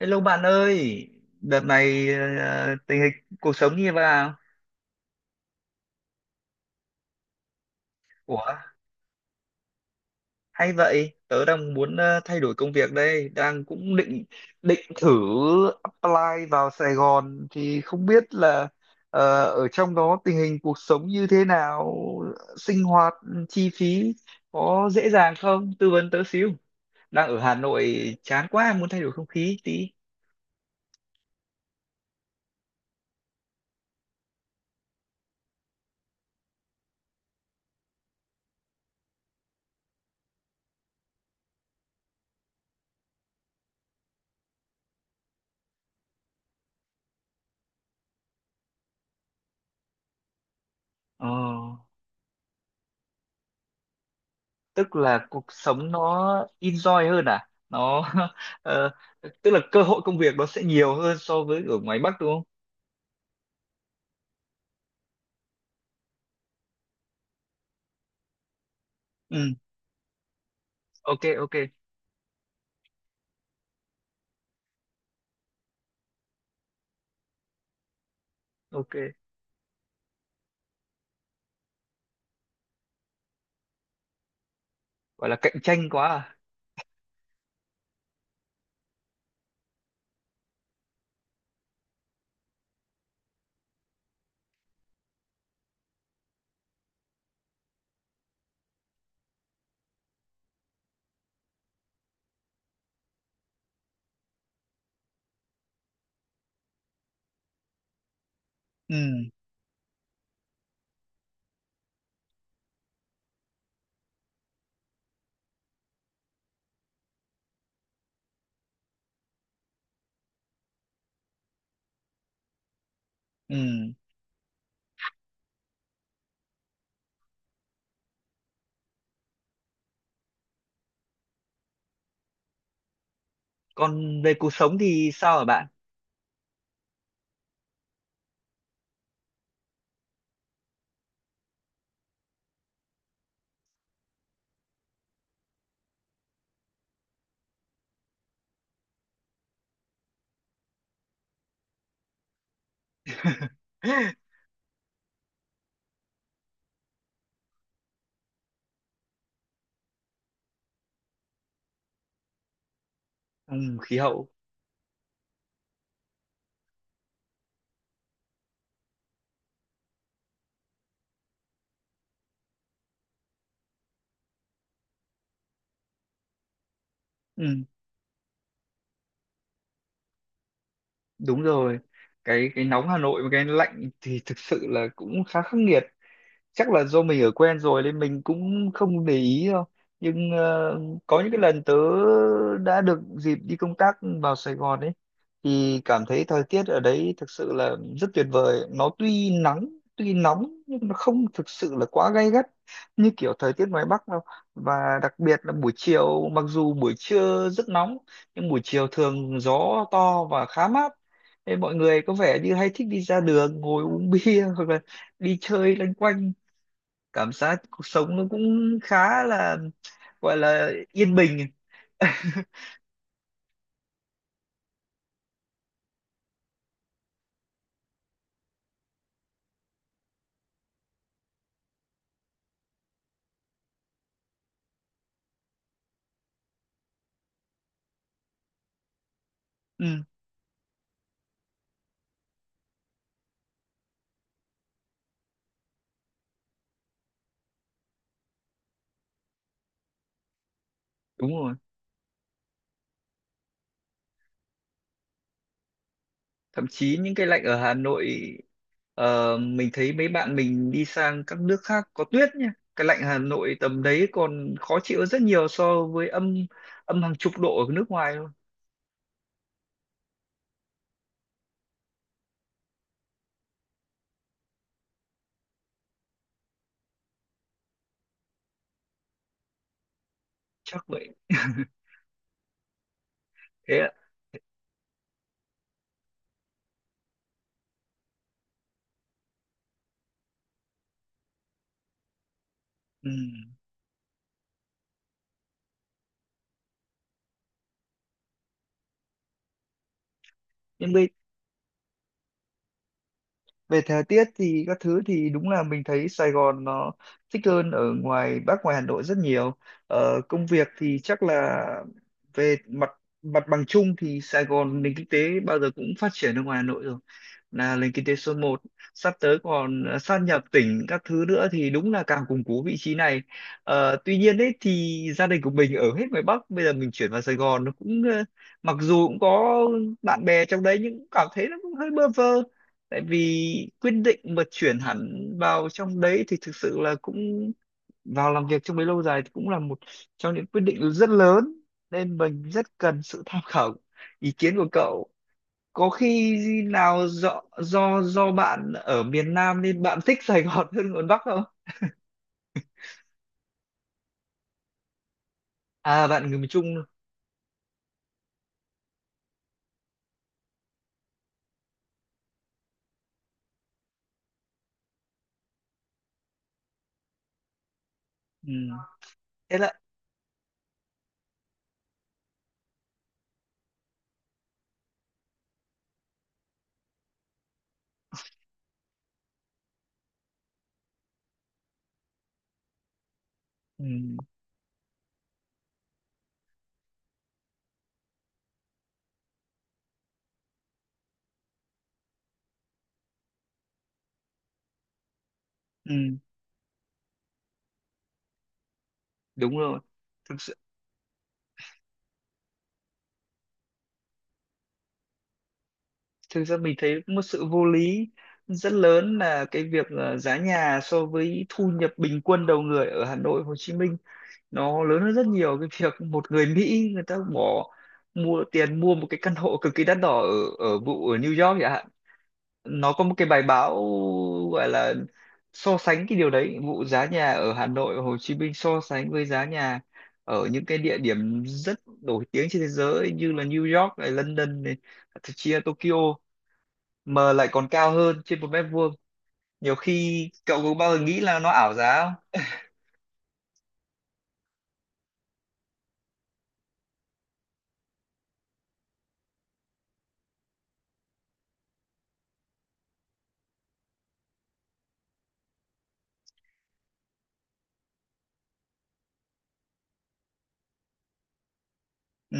Hello bạn ơi, đợt này tình hình cuộc sống như thế nào? Ủa, hay vậy, tớ đang muốn thay đổi công việc đây, đang cũng định định thử apply vào Sài Gòn thì không biết là ở trong đó tình hình cuộc sống như thế nào, sinh hoạt, chi phí có dễ dàng không? Tư vấn tớ xíu. Đang ở Hà Nội chán quá, muốn thay đổi không khí tí. Ờ, tức là cuộc sống nó enjoy hơn à, nó ờ, tức là cơ hội công việc nó sẽ nhiều hơn so với ở ngoài Bắc đúng không? Ừ, ok, ok, ok, gọi là cạnh tranh quá à. Ừ. Ừ, còn về cuộc sống thì sao hả bạn? ừ, khí hậu. Ừ, đúng rồi, cái nóng Hà Nội và cái lạnh thì thực sự là cũng khá khắc nghiệt. Chắc là do mình ở quen rồi nên mình cũng không để ý đâu, nhưng có những cái lần tớ đã được dịp đi công tác vào Sài Gòn ấy thì cảm thấy thời tiết ở đấy thực sự là rất tuyệt vời, nó tuy nắng tuy nóng nhưng nó không thực sự là quá gay gắt như kiểu thời tiết ngoài Bắc đâu. Và đặc biệt là buổi chiều, mặc dù buổi trưa rất nóng nhưng buổi chiều thường gió to và khá mát. Nên mọi người có vẻ như hay thích đi ra đường ngồi uống bia hoặc là đi chơi loanh quanh, cảm giác cuộc sống nó cũng khá là gọi là yên bình. ừ, đúng rồi, thậm chí những cái lạnh ở Hà Nội, mình thấy mấy bạn mình đi sang các nước khác có tuyết nhá, cái lạnh Hà Nội tầm đấy còn khó chịu rất nhiều so với âm âm hàng chục độ ở nước ngoài luôn. Chắc vậy. Thế ạ. Ừ, nhưng bây về thời tiết thì các thứ thì đúng là mình thấy Sài Gòn nó thích hơn ở ngoài Bắc ngoài Hà Nội rất nhiều. Công việc thì chắc là về mặt mặt bằng chung thì Sài Gòn nền kinh tế bao giờ cũng phát triển ở ngoài Hà Nội rồi, là nền kinh tế số một, sắp tới còn sát nhập tỉnh các thứ nữa thì đúng là càng củng cố vị trí này. Tuy nhiên đấy thì gia đình của mình ở hết ngoài Bắc, bây giờ mình chuyển vào Sài Gòn nó cũng mặc dù cũng có bạn bè trong đấy nhưng cũng cảm thấy nó cũng hơi bơ vơ. Tại vì quyết định mà chuyển hẳn vào trong đấy thì thực sự là cũng vào làm việc trong đấy lâu dài thì cũng là một trong những quyết định rất lớn, nên mình rất cần sự tham khảo ý kiến của cậu. Có khi nào do bạn ở miền Nam nên bạn thích Sài Gòn hơn miền Bắc không? À bạn người miền Trung. Ừ, thế là. Ừ. Ừ, đúng rồi. Thực thực ra mình thấy một sự vô lý rất lớn là cái việc giá nhà so với thu nhập bình quân đầu người ở Hà Nội, Hồ Chí Minh nó lớn hơn rất nhiều cái việc một người Mỹ người ta bỏ mua tiền mua một cái căn hộ cực kỳ đắt đỏ ở ở vụ ở New York chẳng hạn. Nó có một cái bài báo gọi là so sánh cái điều đấy, vụ giá nhà ở Hà Nội và Hồ Chí Minh so sánh với giá nhà ở những cái địa điểm rất nổi tiếng trên thế giới như là New York này, London này, thậm chí là Tokyo, mà lại còn cao hơn trên một mét vuông nhiều khi. Cậu có bao giờ nghĩ là nó ảo giá không? Ừ,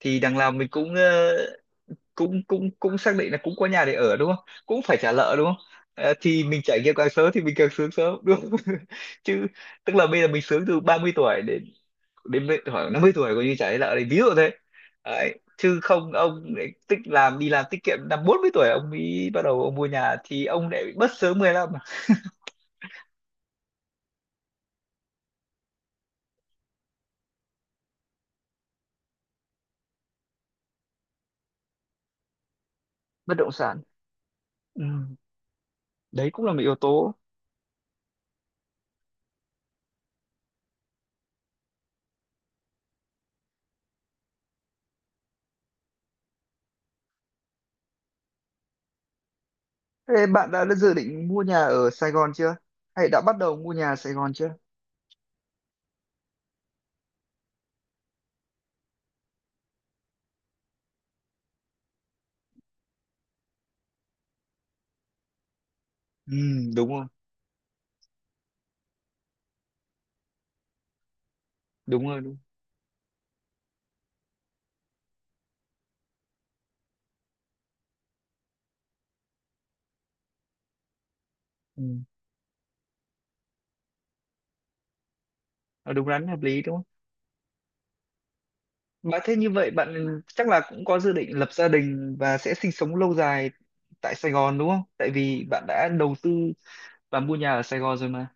thì đằng nào mình cũng cũng xác định là cũng có nhà để ở đúng không, cũng phải trả nợ đúng không? Ờ, thì mình trải nghiệm càng sớm thì mình càng sướng sớm đúng không? chứ tức là bây giờ mình sướng từ 30 tuổi đến đến bây- khoảng 50 tuổi coi như trả nợ đấy, ví dụ thế đấy. Chứ không ông lại tích làm đi làm tiết kiệm năm 40 tuổi ông mới bắt đầu ông mua nhà thì ông lại bị mất sớm 15 à. Bất động sản. Ừ, đấy cũng là một yếu tố. Ê, bạn đã dự định mua nhà ở Sài Gòn chưa? Hay đã bắt đầu mua nhà ở Sài Gòn chưa? Ừ, đúng rồi, đúng rồi, đúng. Ừ, ờ, đúng đắn hợp lý đúng không? Bạn thế như vậy bạn chắc là cũng có dự định lập gia đình và sẽ sinh sống lâu dài tại Sài Gòn đúng không? Tại vì bạn đã đầu tư và mua nhà ở Sài Gòn rồi mà.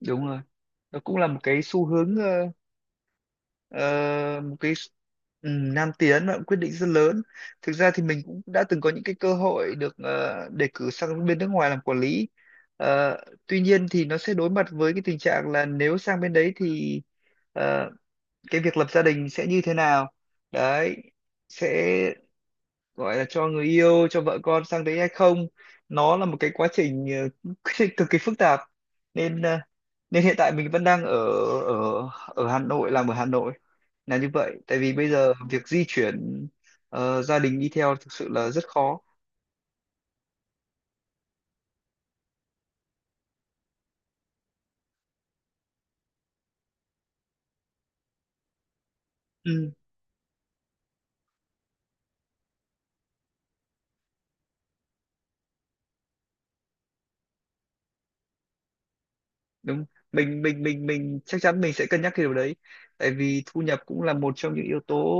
Đúng rồi. Nó cũng là một cái xu hướng ờ, một cái nam tiến, và quyết định rất lớn. Thực ra thì mình cũng đã từng có những cái cơ hội được đề cử sang bên nước ngoài làm quản lý. Ờ, tuy nhiên thì nó sẽ đối mặt với cái tình trạng là nếu sang bên đấy thì ờ, cái việc lập gia đình sẽ như thế nào, đấy sẽ gọi là cho người yêu cho vợ con sang đấy hay không. Nó là một cái quá trình ờ, cực kỳ phức tạp nên nên hiện tại mình vẫn đang ở ở ở Hà Nội, làm ở Hà Nội là như vậy. Tại vì bây giờ việc di chuyển gia đình đi theo thực sự là rất khó. Ừ, đúng. Mình chắc chắn mình sẽ cân nhắc cái điều đấy, tại vì thu nhập cũng là một trong những yếu tố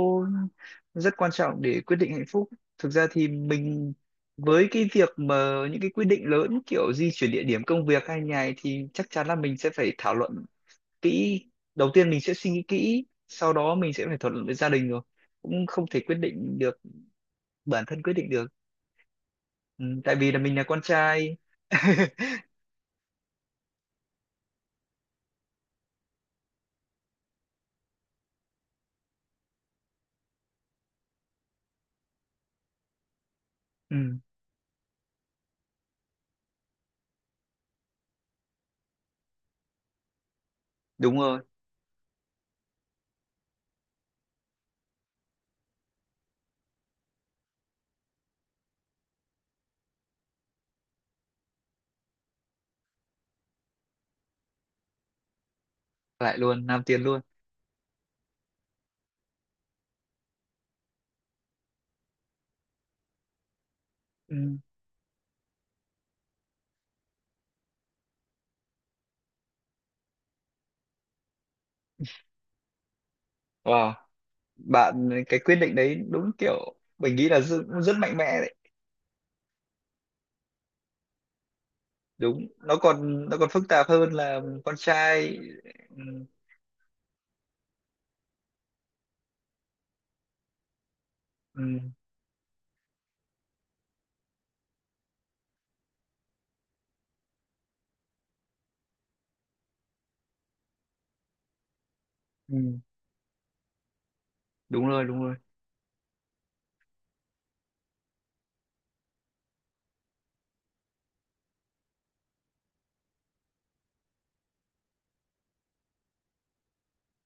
rất quan trọng để quyết định hạnh phúc. Thực ra thì mình với cái việc mà những cái quyết định lớn kiểu di chuyển địa điểm công việc hay nhà ấy thì chắc chắn là mình sẽ phải thảo luận kỹ. Đầu tiên mình sẽ suy nghĩ kỹ, sau đó mình sẽ phải thảo luận với gia đình, rồi cũng không thể quyết định được, bản thân quyết định được. Ừ, tại vì là mình là con trai. ừ, đúng rồi, lại luôn nam tiến luôn. Ừ. Wow, bạn cái quyết định đấy đúng kiểu mình nghĩ là rất, rất mạnh mẽ đấy. Đúng, nó còn phức tạp hơn là con trai. Ừ, ừ, ừ, đúng rồi, đúng rồi.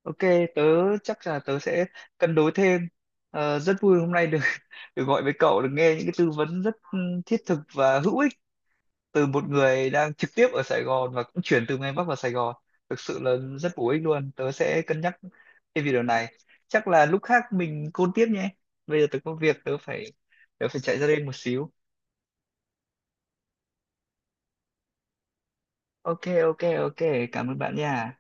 Ok, tớ chắc là tớ sẽ cân đối thêm. Ờ, rất vui hôm nay được được gọi với cậu, được nghe những cái tư vấn rất ừ, thiết thực và hữu ích từ một người đang trực tiếp ở Sài Gòn và cũng chuyển từ miền Bắc vào Sài Gòn. Thực sự là rất bổ ích luôn, tớ sẽ cân nhắc. Cái video này chắc là lúc khác mình côn tiếp nhé, bây giờ tớ có việc, tớ phải chạy ra đây một xíu. Ok, ok, ok, cảm ơn bạn nha.